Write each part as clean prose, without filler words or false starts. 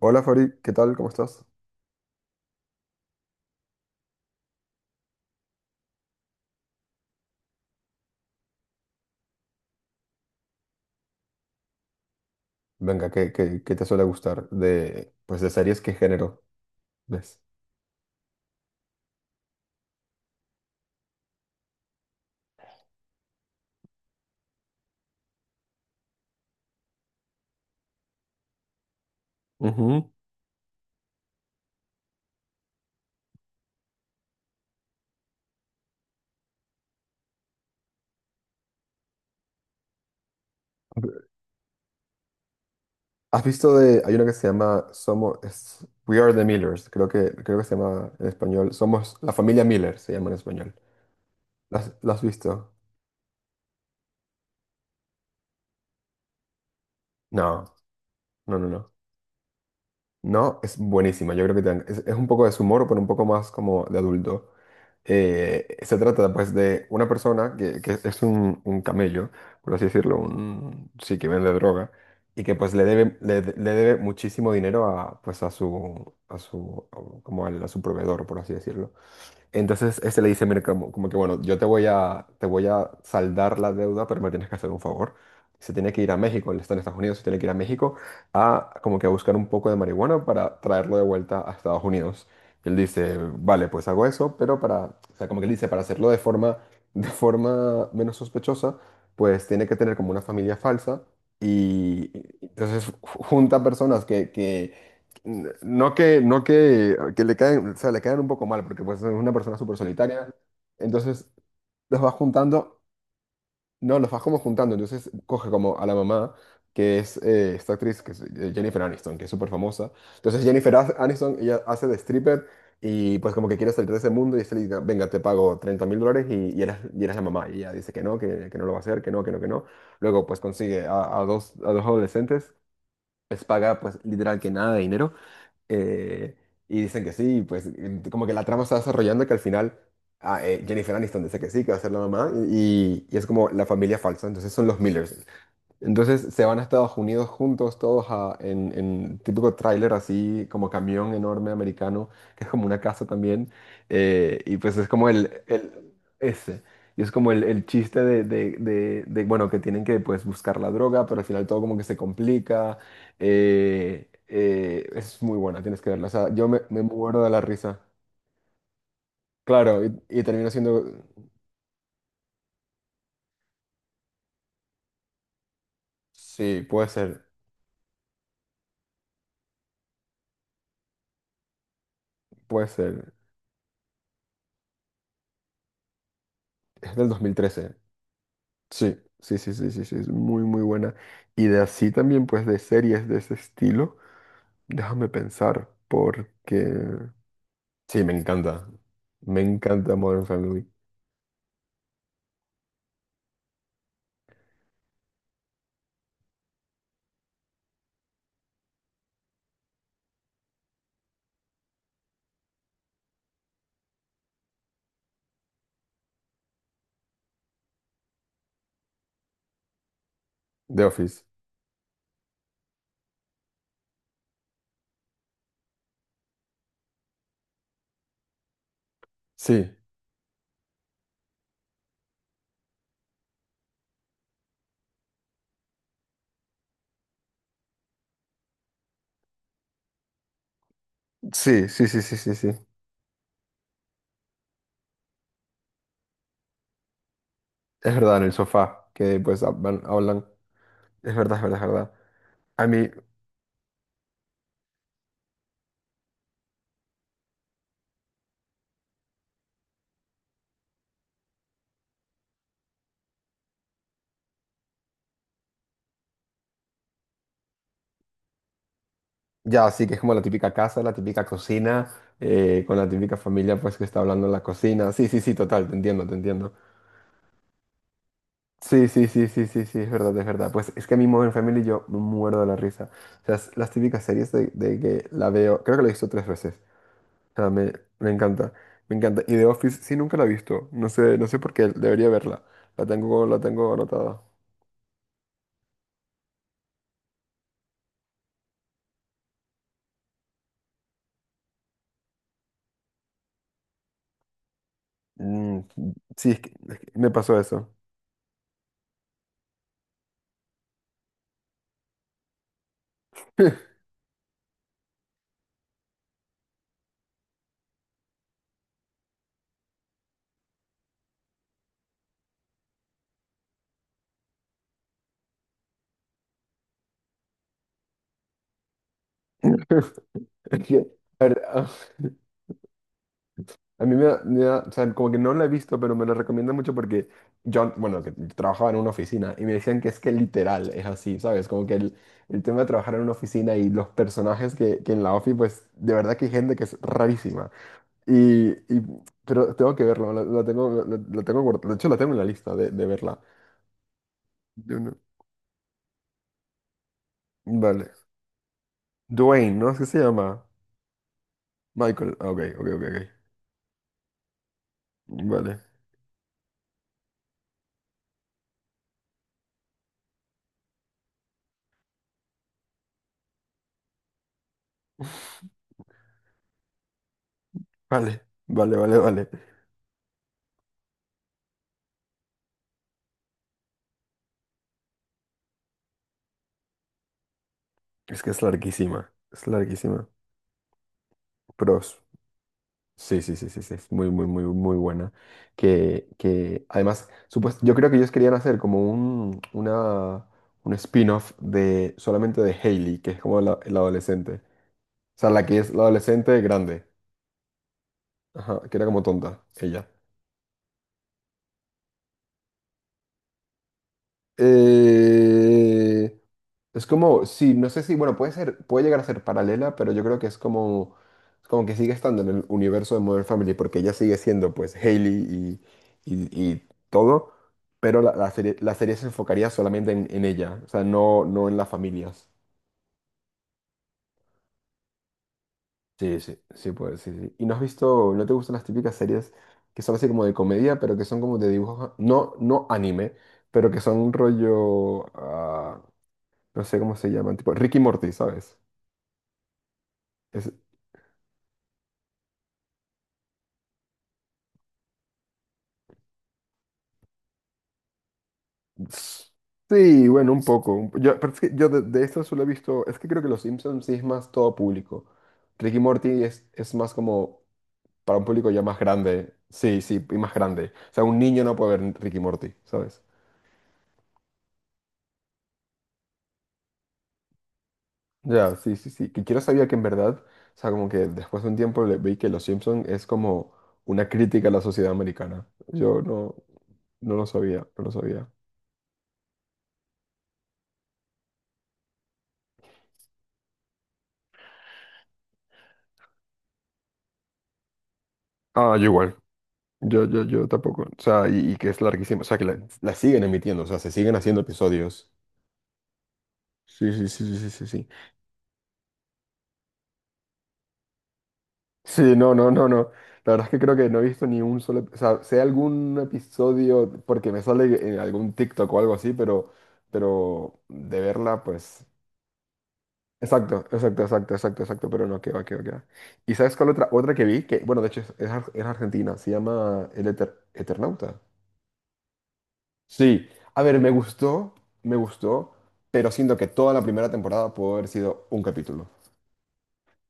Hola Fabri, ¿qué tal? ¿Cómo estás? Venga, ¿¿qué te suele gustar de, pues, de series? ¿Qué género ves? Ujú. ¿Has visto de, hay una que se llama Somos, es- We Are the Millers, creo que se llama en español, Somos la familia Miller, se llama en español. La has visto? No, no, no. No, es buenísima. Yo creo que te- es un poco de su humor, pero un poco más como de adulto. Se trata pues de una persona que es un camello, por así decirlo, un, sí, que vende droga y que pues le debe, le, de- le debe muchísimo dinero a, pues, a su, como al- a su proveedor, por así decirlo. Entonces este le dice, mira, como, como que bueno, yo te voy a saldar la deuda, pero me tienes que hacer un favor. Se tiene que ir a México, él está en Estados Unidos, se tiene que ir a México a como que a buscar un poco de marihuana para traerlo de vuelta a Estados Unidos. Y él dice, vale, pues hago eso, pero para, o sea, como que él dice, para hacerlo de forma menos sospechosa, pues tiene que tener como una familia falsa. Y entonces junta personas que, N- No que, no que, que le caen, o sea, le caen un poco mal, porque pues es una persona súper solitaria. Entonces los vas juntando, no, los vas como juntando. Entonces coge como a la mamá, que es esta actriz, que es Jennifer Aniston, que es súper famosa. Entonces Jennifer As- Aniston, ella hace de stripper y pues como que quiere salir de ese mundo y se le dice, venga, te pago 30.000 dólares y eres la mamá. Y ella dice que no lo va a hacer, que no, que no, que no. Luego pues consigue a dos adolescentes, les paga pues literal que nada de dinero eh, y dicen que sí, pues en- como que la trama se va desarrollando que al final ah, Jennifer Aniston dice que sí, que va a ser la mamá y es como la familia falsa, entonces son los Millers. Entonces se van a Estados Unidos juntos, todos a- en típico tráiler así, como camión enorme americano, que es como una casa también. Y pues es como el- ese. Y es como el chiste de, bueno, que tienen que pues buscar la droga, pero al final todo como que se complica. Es muy buena, tienes que verla. O sea, yo me, me muero de la risa. Claro, y termino siendo... Sí, puede ser. Es del 2013. Sí, sí, sí, sí, sí, sí, es muy, muy buena. Y de así también, pues, de series de ese estilo, déjame pensar, porque... Sí, me encanta. Me encanta Modern Family. The Office. Sí, sí, sí, sí, sí, sí, sí. Es verdad, en el sofá, que pues hablan, hablan. Es verdad, es verdad, es verdad. A mí, ya, sí, que es como la típica casa, la típica cocina, con la típica familia, pues, que está hablando en la cocina. Sí, sí, sí, total, te entiendo, te entiendo. Sí, sí, sí, sí, sí, sí, es verdad, es verdad. Pues es que a mí Modern Family yo me muerdo de la risa. O sea, es las típicas series de que la veo, creo que la he visto tres veces. O sea, me encanta, me encanta. Y The Office sí nunca la he visto. No sé, no sé por qué, debería verla. La tengo anotada. Mm, sí, es que me pasó eso. Es que, a ver, A mí me da- o sea, como que no la he visto, pero me la recomiendan mucho porque yo, bueno, que trabajaba en una oficina y me decían que es que literal es así, ¿sabes? Como que el tema de trabajar en una oficina y los personajes que en la ofi, pues de verdad que hay gente que es rarísima. Y, y- pero tengo que verlo, la tengo, la- la tengo guardada, de hecho la tengo en la lista de verla. Yo no- Vale. Dwayne, ¿no? ¿Es que se llama? Michael. Ah, ok, ok, ok, ok. Vale. Vale, vale, vale, vale. Es que es larguísima, es larguísima. Pero sí, sí, sí, sí, sí, es muy, muy, muy, muy buena. Que además, supuest- yo creo que ellos querían hacer como un, una, un spin-off de solamente de Hailey, que es como la adolescente. O sea, la que es la adolescente grande. Ajá, que era como tonta, ella. Eh, Es como, sí, no sé si, bueno, puede ser, puede llegar a ser paralela, pero yo creo que es como que sigue estando en el universo de Modern Family, porque ella sigue siendo, pues, Hailey y todo, pero la, la serie se enfocaría solamente en ella, o sea, no, no en las familias. Sí, sí, sí, pues, sí, sí. ¿Y no has visto, no te gustan las típicas series que son así como de comedia, pero que son como de dibujos, no, no anime, pero que son un rollo, ah, no sé cómo se llaman, tipo Ricky Morty, ¿sabes? Sí, bueno, un poco. Un po- Yo, pero es que yo de esto solo he visto, es que creo que Los Simpsons sí es más todo público. Ricky y Morty es más como para un público ya más grande. Sí, sí, y más grande. O sea, un niño no puede ver Ricky y Morty, ¿sabes? Ya, sí, sí, sí. Que quiero sabía que en verdad, o sea, como que después de un tiempo le vi que Los Simpson es como una crítica a la sociedad americana. Yo no, no lo sabía, no lo sabía. Ah, yo igual. Yo tampoco. O sea, y que es larguísimo. O sea, que la siguen emitiendo. O sea, se siguen haciendo episodios. Sí, sí, sí, sí, sí, sí. Sí, sí, no, no, no. no. La verdad es que creo que no he visto ni un solo... ep- O sea, sé algún episodio porque me sale en algún TikTok o algo así, pero de verla, pues... Exacto, exacto, exacto, exacto, exacto, pero no, que va, que va, que va. ¿Y sabes cuál otra, otra que vi? Que, bueno, de hecho es ar- es argentina, se llama El Eter- Eternauta. Sí, a ver, me gustó, pero siento que toda la primera temporada pudo haber sido un capítulo.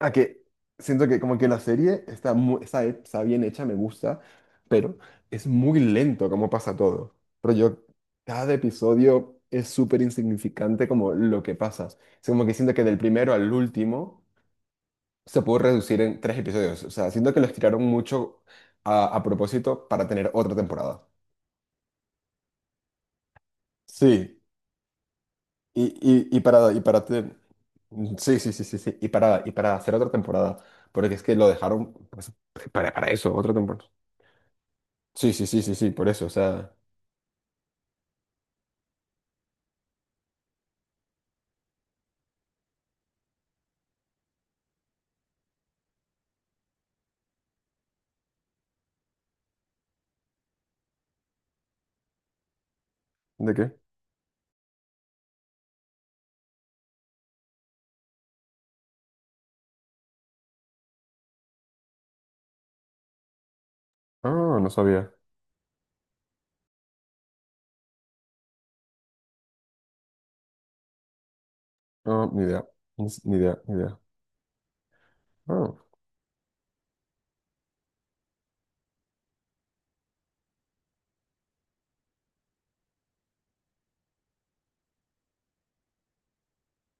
A que siento que como que la serie está, mu- está, he- está bien hecha, me gusta, pero es muy lento como pasa todo. Pero yo, cada episodio es súper insignificante como lo que pasa. O como que siento que del primero al último se pudo reducir en tres episodios. O sea, siento que lo estiraron mucho a propósito para tener otra temporada. Sí, Y, y, y para, y para te- Sí, sí, sí, sí, sí. Y para hacer otra temporada. Porque es que lo dejaron pues, para eso, otra temporada. Sí, sí, sí, sí, sí, por eso. O sea, ¿de qué? Ah, no sabía. No ni idea. Ni, ni idea, ni idea. Ah.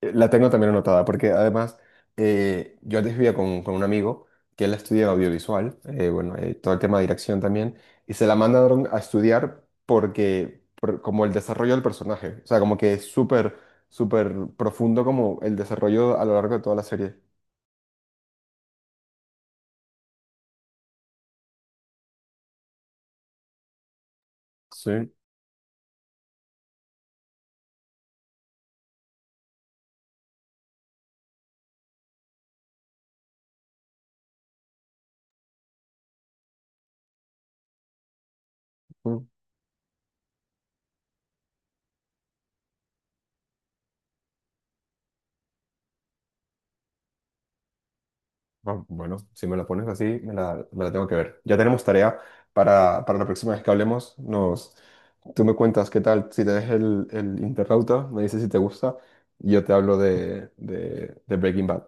La tengo también anotada, porque además yo antes vivía con un amigo que él estudia audiovisual, bueno, todo el tema de dirección también, y se la mandaron a estudiar porque, por- como el desarrollo del personaje, o sea, como que es súper, súper profundo como el desarrollo a lo largo de toda la serie. Sí. Ah, bueno, si me la pones así, me la tengo que ver. Ya tenemos tarea para la próxima vez que hablemos. Nos, tú me cuentas qué tal, si te ves el Interrauta, me dices si te gusta, y yo te hablo de Breaking Bad.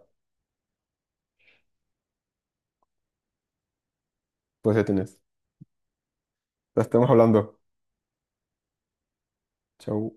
Pues ya tienes. La estamos hablando. Chau.